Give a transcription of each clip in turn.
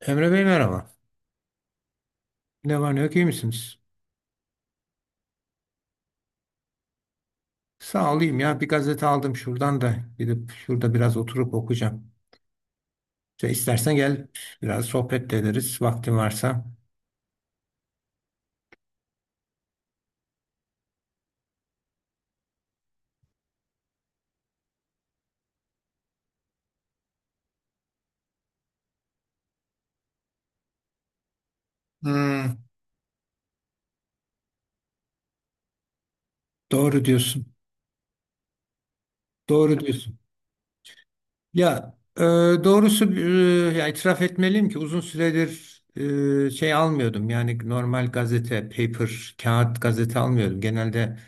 Emre Bey merhaba. Ne var ne yok, iyi misiniz? Sağ olayım ya, bir gazete aldım şuradan, da gidip şurada biraz oturup okuyacağım. İşte istersen gel biraz sohbet de ederiz, vaktin varsa. Hmm, doğru diyorsun. Doğru diyorsun. Ya doğrusu ya itiraf etmeliyim ki uzun süredir şey almıyordum. Yani normal gazete, paper, kağıt gazete almıyordum. Genelde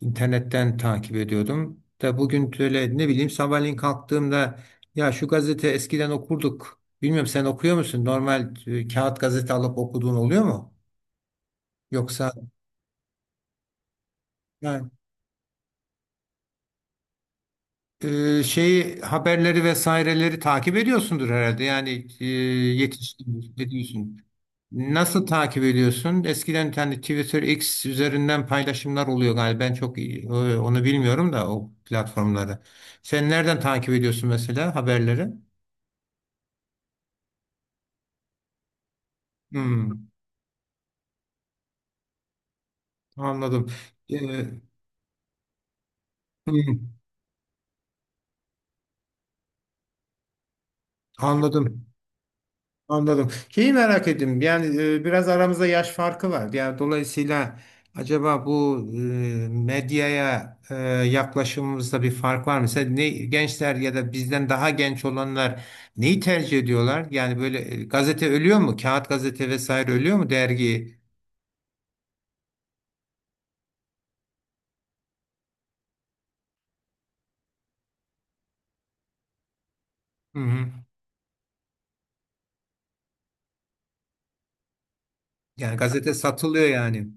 İnternetten takip ediyordum. Da bugün böyle ne bileyim, sabahleyin kalktığımda ya şu gazete eskiden okurduk. Bilmiyorum, sen okuyor musun? Normal kağıt gazete alıp okuduğun oluyor mu? Yoksa yani, şeyi haberleri vesaireleri takip ediyorsundur herhalde. Yani yetişkin ediyorsun. Nasıl takip ediyorsun? Eskiden hani Twitter X üzerinden paylaşımlar oluyor galiba. Ben çok onu bilmiyorum da o platformları. Sen nereden takip ediyorsun mesela haberleri? Hmm, anladım. Ee, hmm, anladım. Anladım. Şeyi merak ettim. Yani biraz aramızda yaş farkı var. Yani dolayısıyla acaba bu medyaya yaklaşımımızda bir fark var mı? Mesela ne, gençler ya da bizden daha genç olanlar neyi tercih ediyorlar? Yani böyle gazete ölüyor mu? Kağıt gazete vesaire ölüyor mu, dergi? Hı hı. Yani gazete satılıyor yani.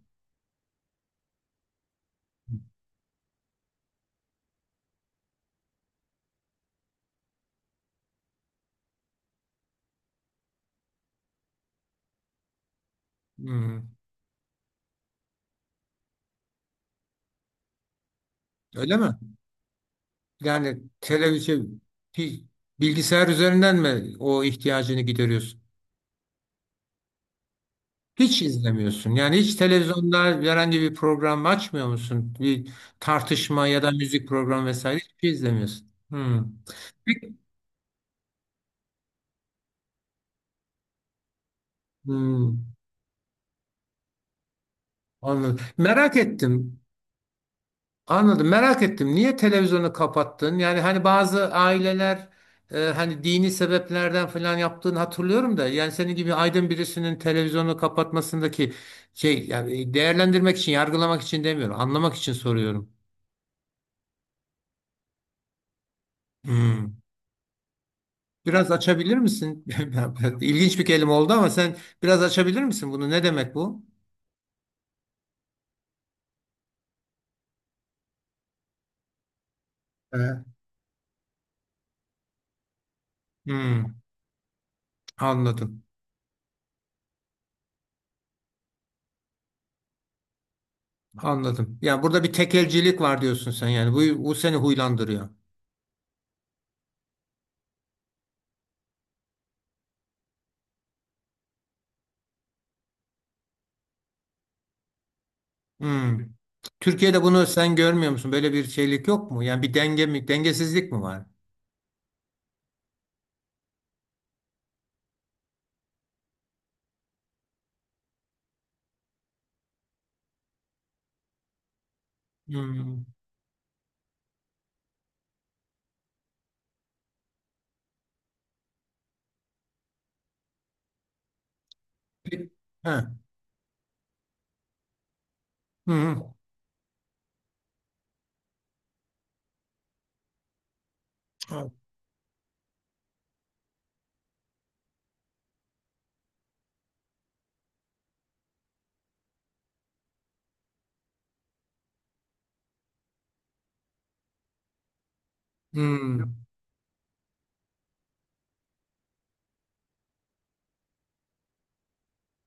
Hı hı. Öyle mi? Yani televizyon, bi- bilgisayar üzerinden mi o ihtiyacını gideriyorsun? Hiç izlemiyorsun. Yani hiç televizyonda herhangi bir program açmıyor musun? Bir tartışma ya da müzik programı vesaire hiçbir şey izlemiyorsun. Hmm. Peki- hmm, anladım. Merak ettim. Anladım. Merak ettim. Niye televizyonu kapattın? Yani hani bazı aileler hani dini sebeplerden falan yaptığını hatırlıyorum da, yani senin gibi aydın birisinin televizyonu kapatmasındaki şey, yani değerlendirmek için, yargılamak için demiyorum. Anlamak için soruyorum. Hmm. Biraz açabilir misin? İlginç bir kelime oldu ama sen biraz açabilir misin bunu? Ne demek bu? Ee, Hmm, anladım. Anladım. Yani burada bir tekelcilik var diyorsun sen yani. Bu, bu seni huylandırıyor. Hmm. Türkiye'de bunu sen görmüyor musun? Böyle bir şeylik yok mu? Yani bir denge mi, dengesizlik mi var? Hmm. Pe- ha. Hmm. Hmm.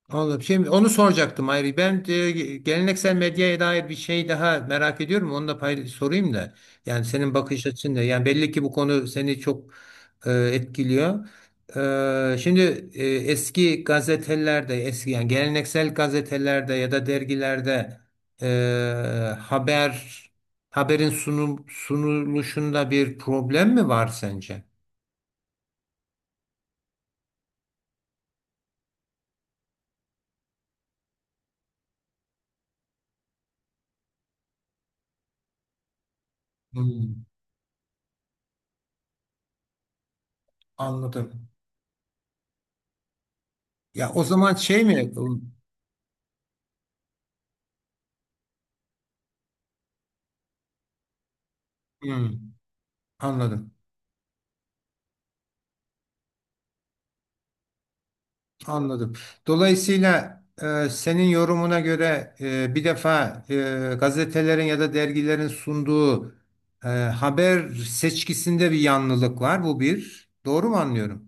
Anladım. Şimdi onu soracaktım ayrı. Ben geleneksel medyaya dair bir şey daha merak ediyorum. Onu da sorayım da. Yani senin bakış açın da. Yani belli ki bu konu seni çok etkiliyor. Şimdi eski gazetelerde, eski yani geleneksel gazetelerde ya da dergilerde e, haber haberin sunuluşunda bir problem mi var sence? Hmm, anladım. Ya o zaman şey mi? Hmm, anladım. Anladım. Dolayısıyla senin yorumuna göre bir defa gazetelerin ya da dergilerin sunduğu haber seçkisinde bir yanlılık var. Bu bir. Doğru mu anlıyorum?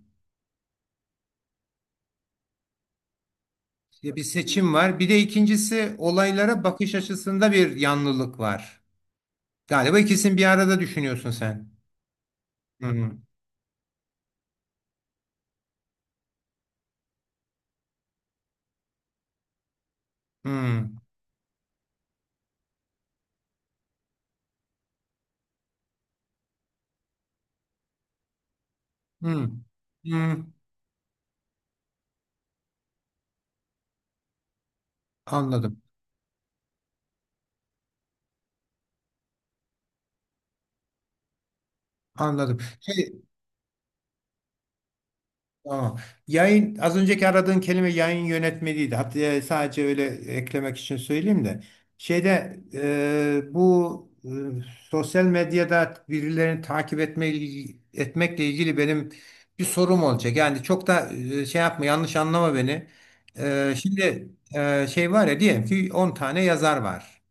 Ya bir seçim var. Bir de ikincisi, olaylara bakış açısında bir yanlılık var. Galiba ikisini bir arada düşünüyorsun sen. Hı hı. Hı hı. Hı. Anladım. Anladım. Şey, tamam. Yayın, az önceki aradığın kelime yayın yönetmeliydi. Hatta sadece öyle eklemek için söyleyeyim de. Şeyde bu sosyal medyada birilerini takip etme, etmekle ilgili benim bir sorum olacak. Yani çok da şey yapma, yanlış anlama beni. Şimdi şey var ya, diyelim ki 10 tane yazar var.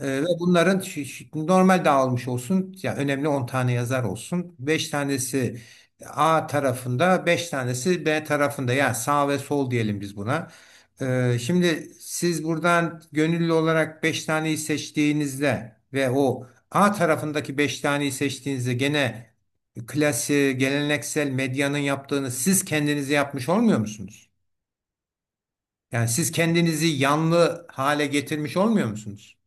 Ve bunların normal dağılmış olsun. Yani önemli 10 tane yazar olsun. Beş tanesi A tarafında, 5 tanesi B tarafında. Yani sağ ve sol diyelim biz buna. Şimdi siz buradan gönüllü olarak 5 taneyi seçtiğinizde ve o A tarafındaki 5 taneyi seçtiğinizde gene klasiği, geleneksel medyanın yaptığını siz kendinize yapmış olmuyor musunuz? Yani siz kendinizi yanlı hale getirmiş olmuyor musunuz?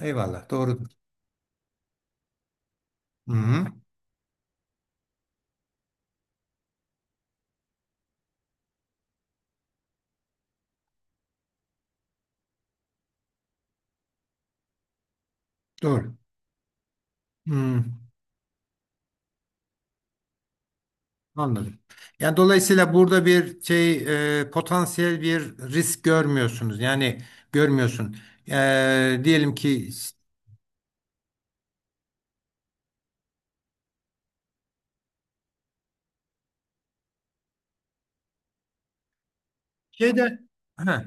Eyvallah, doğrudur. Hı hı. Doğru. Hmm, anladım. Yani dolayısıyla burada bir şey, potansiyel bir risk görmüyorsunuz. Yani görmüyorsun. Diyelim ki şeyde ha,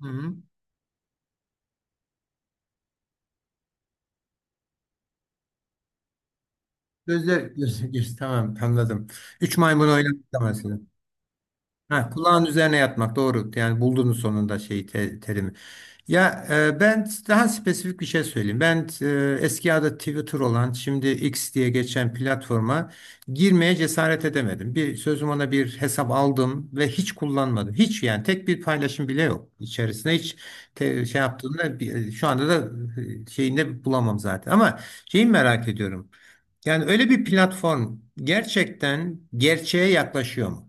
hı hı. Gözler, tamam anladım. Üç maymun oynamak da mesela. Ha, kulağın üzerine yatmak doğru. Yani buldunuz sonunda şeyi, terimi. Ya ben daha spesifik bir şey söyleyeyim. Ben eski adı Twitter olan şimdi X diye geçen platforma girmeye cesaret edemedim. Bir sözüm ona bir hesap aldım ve hiç kullanmadım. Hiç, yani tek bir paylaşım bile yok içerisinde, hiç şey yaptığımda şu anda da şeyinde bulamam zaten. Ama şeyi merak ediyorum. Yani öyle bir platform gerçekten gerçeğe yaklaşıyor mu?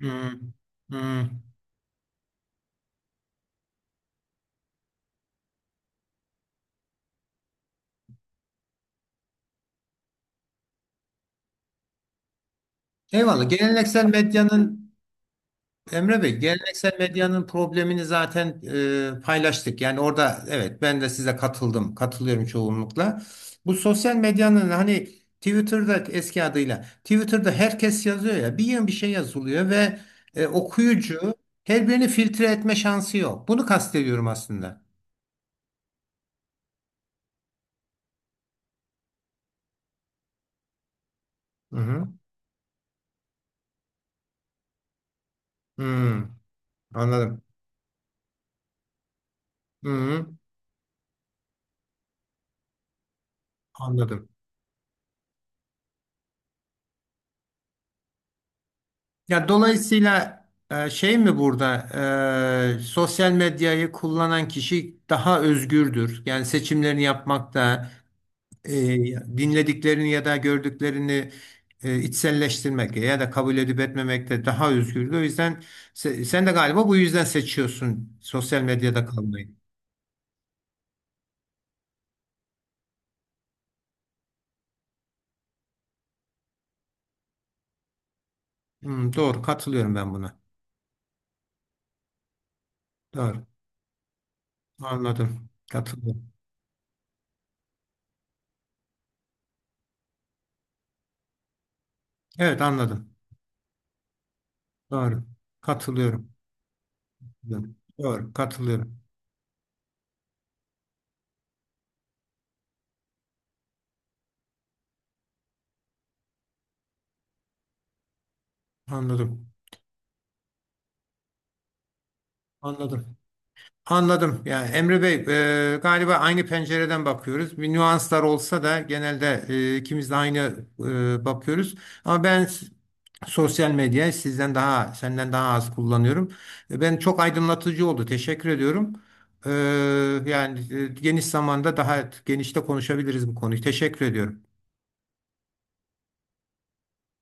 Hmm, hmm. Eyvallah. Geleneksel medyanın Emre Bey, geleneksel medyanın problemini zaten paylaştık. Yani orada evet, ben de size katılıyorum çoğunlukla. Bu sosyal medyanın hani Twitter'da, eski adıyla Twitter'da herkes yazıyor ya, bir yığın bir şey yazılıyor ve okuyucu her birini filtre etme şansı yok. Bunu kastediyorum aslında. Hı hı. Hmm, anladım. Hı hı. Anladım. Ya dolayısıyla şey mi burada, sosyal medyayı kullanan kişi daha özgürdür. Yani seçimlerini yapmakta, e, dinlediklerini ya da gördüklerini içselleştirmekte ya da kabul edip etmemekte daha özgürdür. O yüzden sen de galiba bu yüzden seçiyorsun sosyal medyada kalmayı. Hmm, doğru, katılıyorum ben buna. Doğru. Anladım. Katılıyorum. Evet, anladım. Doğru. Katılıyorum. Doğru. Katılıyorum. Anladım. Anladım. Anladım. Yani Emre Bey, galiba aynı pencereden bakıyoruz. Bir nüanslar olsa da genelde ikimiz de aynı bakıyoruz. Ama ben sosyal medyayı sizden daha, senden daha az kullanıyorum. Ben çok aydınlatıcı oldu. Teşekkür ediyorum. E, yani geniş zamanda daha genişte konuşabiliriz bu konuyu. Teşekkür ediyorum.